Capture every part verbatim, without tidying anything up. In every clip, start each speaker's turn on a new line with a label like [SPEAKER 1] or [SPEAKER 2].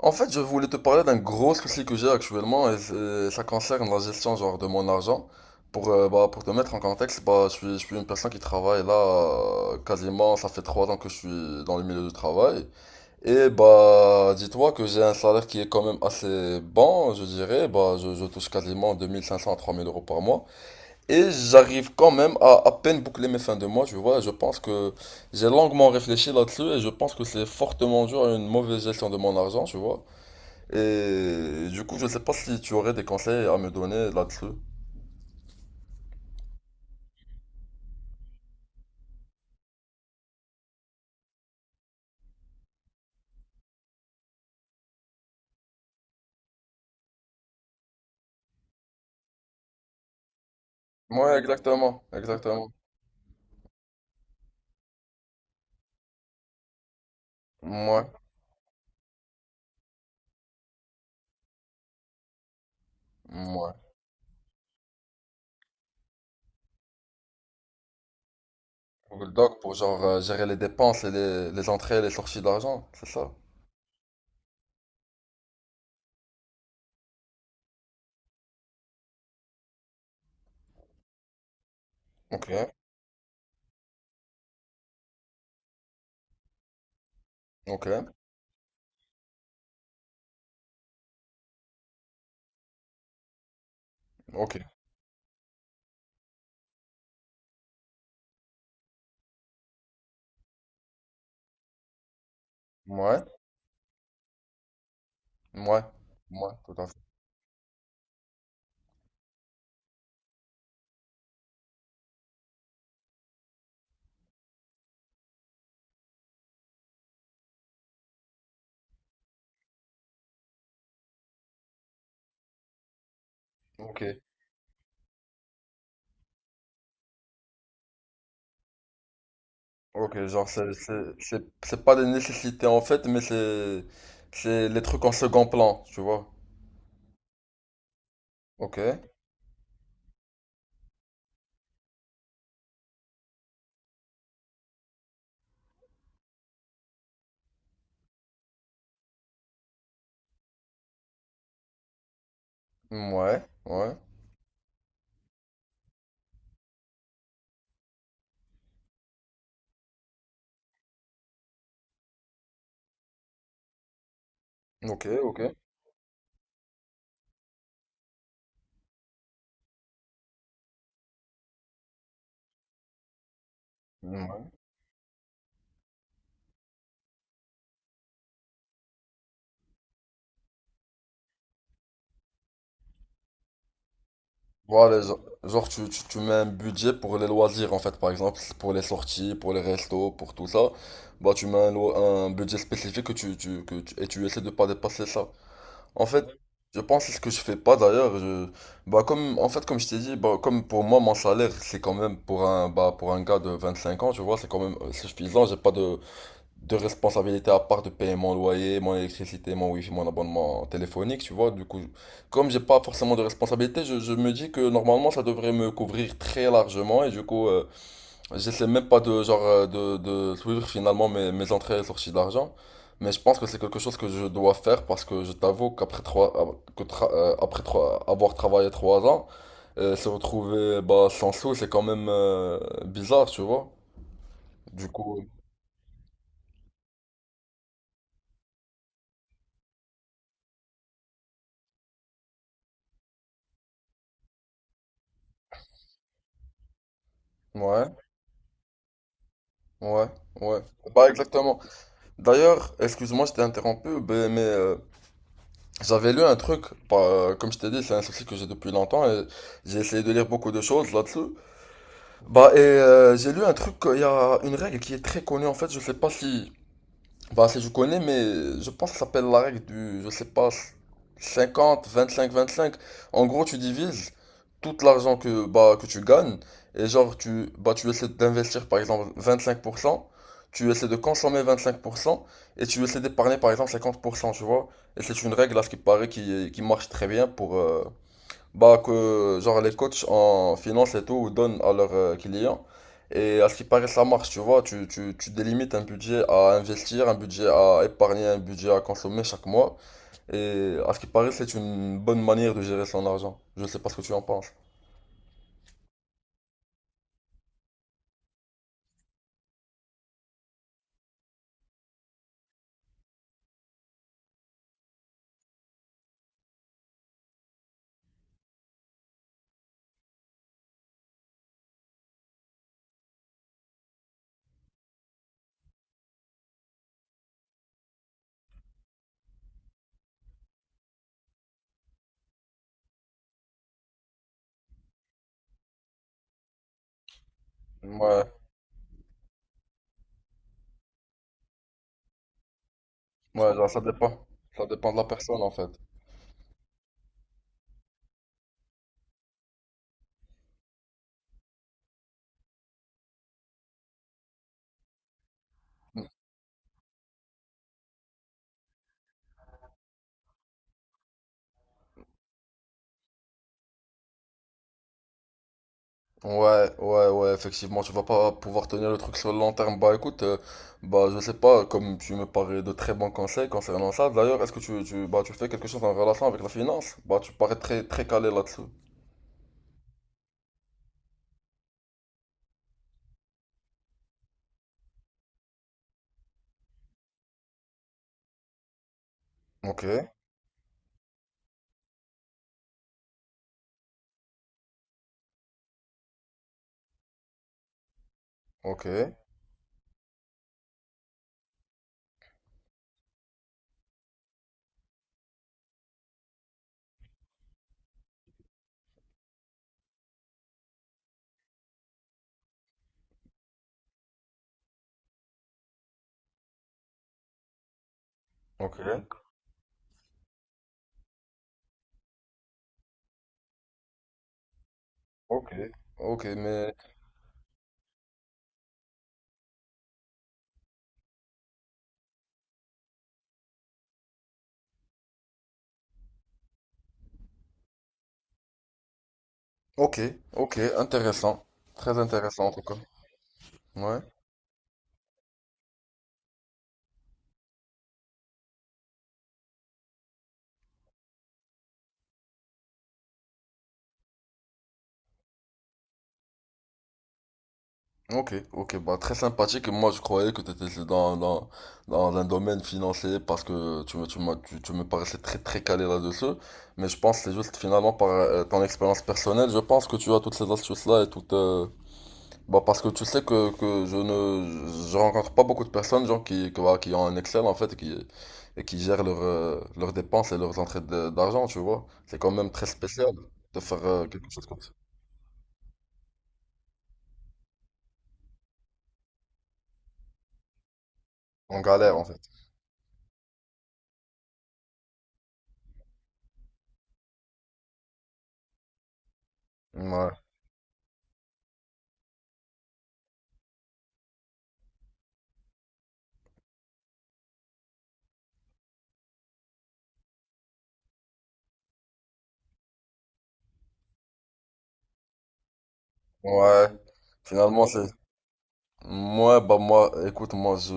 [SPEAKER 1] En fait, je voulais te parler d'un gros souci que j'ai actuellement et c'est- ça concerne la gestion genre de mon argent. Pour, euh, bah, pour te mettre en contexte, bah, je suis, je suis une personne qui travaille là euh, quasiment, ça fait trois ans que je suis dans le milieu du travail. Et bah dis-toi que j'ai un salaire qui est quand même assez bon, je dirais. Bah, je, je touche quasiment deux mille cinq cents à trois mille euros par mois. Et j'arrive quand même à à peine boucler mes fins de mois, tu vois. Je pense que j'ai longuement réfléchi là-dessus et je pense que c'est fortement dû à une mauvaise gestion de mon argent, tu vois. Et du coup, je ne sais pas si tu aurais des conseils à me donner là-dessus. Ouais, exactement, exactement. Ouais, ouais. Google Doc pour genre euh, gérer les dépenses et les, les entrées et les sorties d'argent, c'est ça? Ok, ok, ok. Ouais, ouais, ouais, tout à fait. Ok, ok, genre c'est c'est- c'est- c'est pas des nécessités en fait, mais c'est c'est les trucs en second plan, tu vois. Ok, ouais, ouais, ok, ok. Voilà, genre, genre, tu, tu, tu mets un budget pour les loisirs en fait, par exemple, pour les sorties, pour les restos, pour tout ça. Bah tu mets un, lo- un budget spécifique que tu, tu, que tu- et tu essaies de pas dépasser ça. En fait, je pense que c'est ce que je fais pas d'ailleurs. Je, bah comme en fait comme je t'ai dit, bah, comme pour moi mon salaire c'est quand même pour un bah pour un gars de vingt-cinq ans, tu vois, c'est quand même euh, suffisant. J'ai pas de de responsabilité à part de payer mon loyer, mon électricité, mon wifi, mon abonnement téléphonique, tu vois. Du coup, comme j'ai pas forcément de responsabilité, je, je me dis que normalement ça devrait me couvrir très largement et du coup, euh, j'essaie même pas de genre euh, de, de suivre finalement mes, mes entrées et sorties d'argent. Mais je pense que c'est quelque chose que je dois faire parce que je t'avoue qu'après trois, euh, que tra- euh, après trois, avoir travaillé trois ans, euh, se retrouver bah, sans sous, c'est quand même euh, bizarre, tu vois. Du coup, ouais. Ouais, ouais. Bah exactement. D'ailleurs, excuse-moi, je t'ai interrompu, ben, mais euh, j'avais lu un truc, bah, euh, comme je t'ai dit, c'est un souci que j'ai depuis longtemps et j'ai essayé de lire beaucoup de choses là-dessus. Bah et euh, j'ai lu un truc, il y a une règle qui est très connue en fait, je sais pas si bah, si je connais, mais je pense que ça s'appelle la règle du, je sais pas, cinquante, vingt-cinq, vingt-cinq. En gros, tu divises tout l'argent que, bah, que tu gagnes et genre, tu, bah, tu essaies d'investir par exemple vingt-cinq pour cent, tu essaies de consommer vingt-cinq pour cent et tu essaies d'épargner par exemple cinquante pour cent, tu vois. Et c'est une règle à ce qui paraît qui, qui marche très bien pour, euh, bah que genre les coachs en finance et tout donnent à leurs euh, clients et à ce qui paraît ça marche tu vois tu, tu, tu délimites un budget à investir, un budget à épargner, un budget à consommer chaque mois et à ce qui paraît c'est une bonne manière de gérer son argent. Je sais pas ce que tu en penses. Ouais, ouais genre ça dépend. Ça dépend de la personne en fait. Ouais, ouais, ouais, effectivement, tu vas pas pouvoir tenir le truc sur le long terme. Bah écoute, euh, bah je sais pas, comme tu me parais de très bons conseils concernant ça, d'ailleurs, est-ce que tu, tu, bah, tu fais quelque chose en relation avec la finance? Bah tu parais très, très calé là-dessus. Ok, ok, ok, ok, ok, mais. Ok, ok, intéressant. Très intéressant en tout cas. Ouais. Ok, ok, bah très sympathique. Et moi, je croyais que tu étais dans, dans, dans un domaine financier parce que tu me, tu m'as- tu, tu me paraissais très très calé là-dessus. Mais je pense que c'est juste finalement par euh, ton expérience personnelle, je pense que tu as toutes ces astuces-là et toutes. euh, Bah parce que tu sais que, que je ne, je rencontre pas beaucoup de personnes genre qui, qui, voilà, qui ont un Excel en fait et qui, et qui gèrent leur, euh, leurs dépenses et leurs entrées de- d'argent, tu vois. C'est quand même très spécial de faire euh, quelque chose comme ça. On galère en fait. Ouais, ouais. Finalement, c'est Moi, bah moi, écoute, moi, je,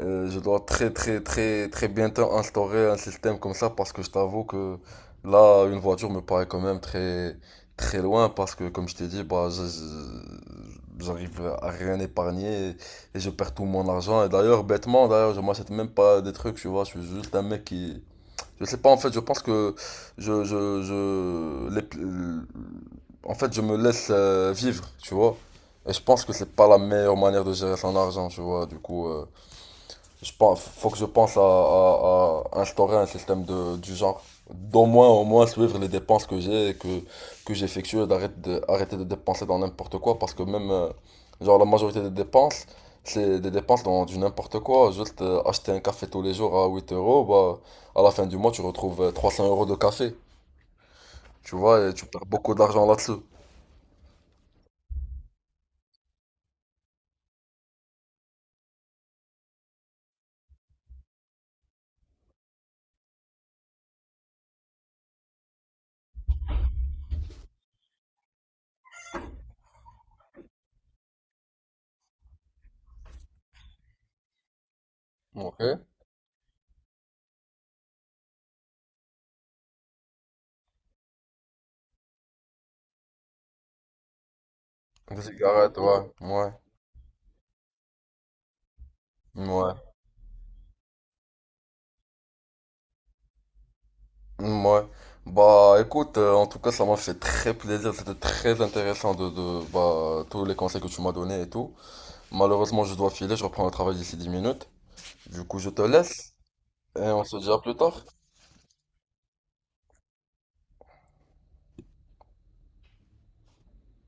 [SPEAKER 1] euh, je dois très, très, très, très bientôt instaurer un système comme ça parce que je t'avoue que là, une voiture me paraît quand même très, très loin parce que, comme je t'ai dit, bah, je- je- j'arrive à rien épargner et, et je perds tout mon argent. Et d'ailleurs, bêtement, d'ailleurs, je m'achète même pas des trucs, tu vois, je suis juste un mec qui, je sais pas, en fait, je pense que je, je, je, les- en fait, je me laisse euh, vivre, tu vois. Et je pense que c'est pas la meilleure manière de gérer son argent, tu vois. Du coup, euh, je pense, faut que je pense à, à- à instaurer un système de, du genre. D'au moins, au moins suivre les dépenses que j'ai, que, que j'effectue, et d'arrêter de, arrêter de dépenser dans n'importe quoi, parce que même, euh, genre, la majorité des dépenses, c'est des dépenses dans du n'importe quoi. Juste euh, acheter un café tous les jours à huit euros, bah, à la fin du mois, tu retrouves euh, trois cents euros de café, tu vois, et tu perds beaucoup d'argent là-dessus. Ok. Des cigarettes, ouais, ouais, ouais. Ouais. Bah écoute, euh, en tout cas ça m'a fait très plaisir, c'était très intéressant de, de bah, tous les conseils que tu m'as donnés et tout. Malheureusement je dois filer, je reprends le travail d'ici dix minutes. Du coup je te laisse et on se dit à plus tard.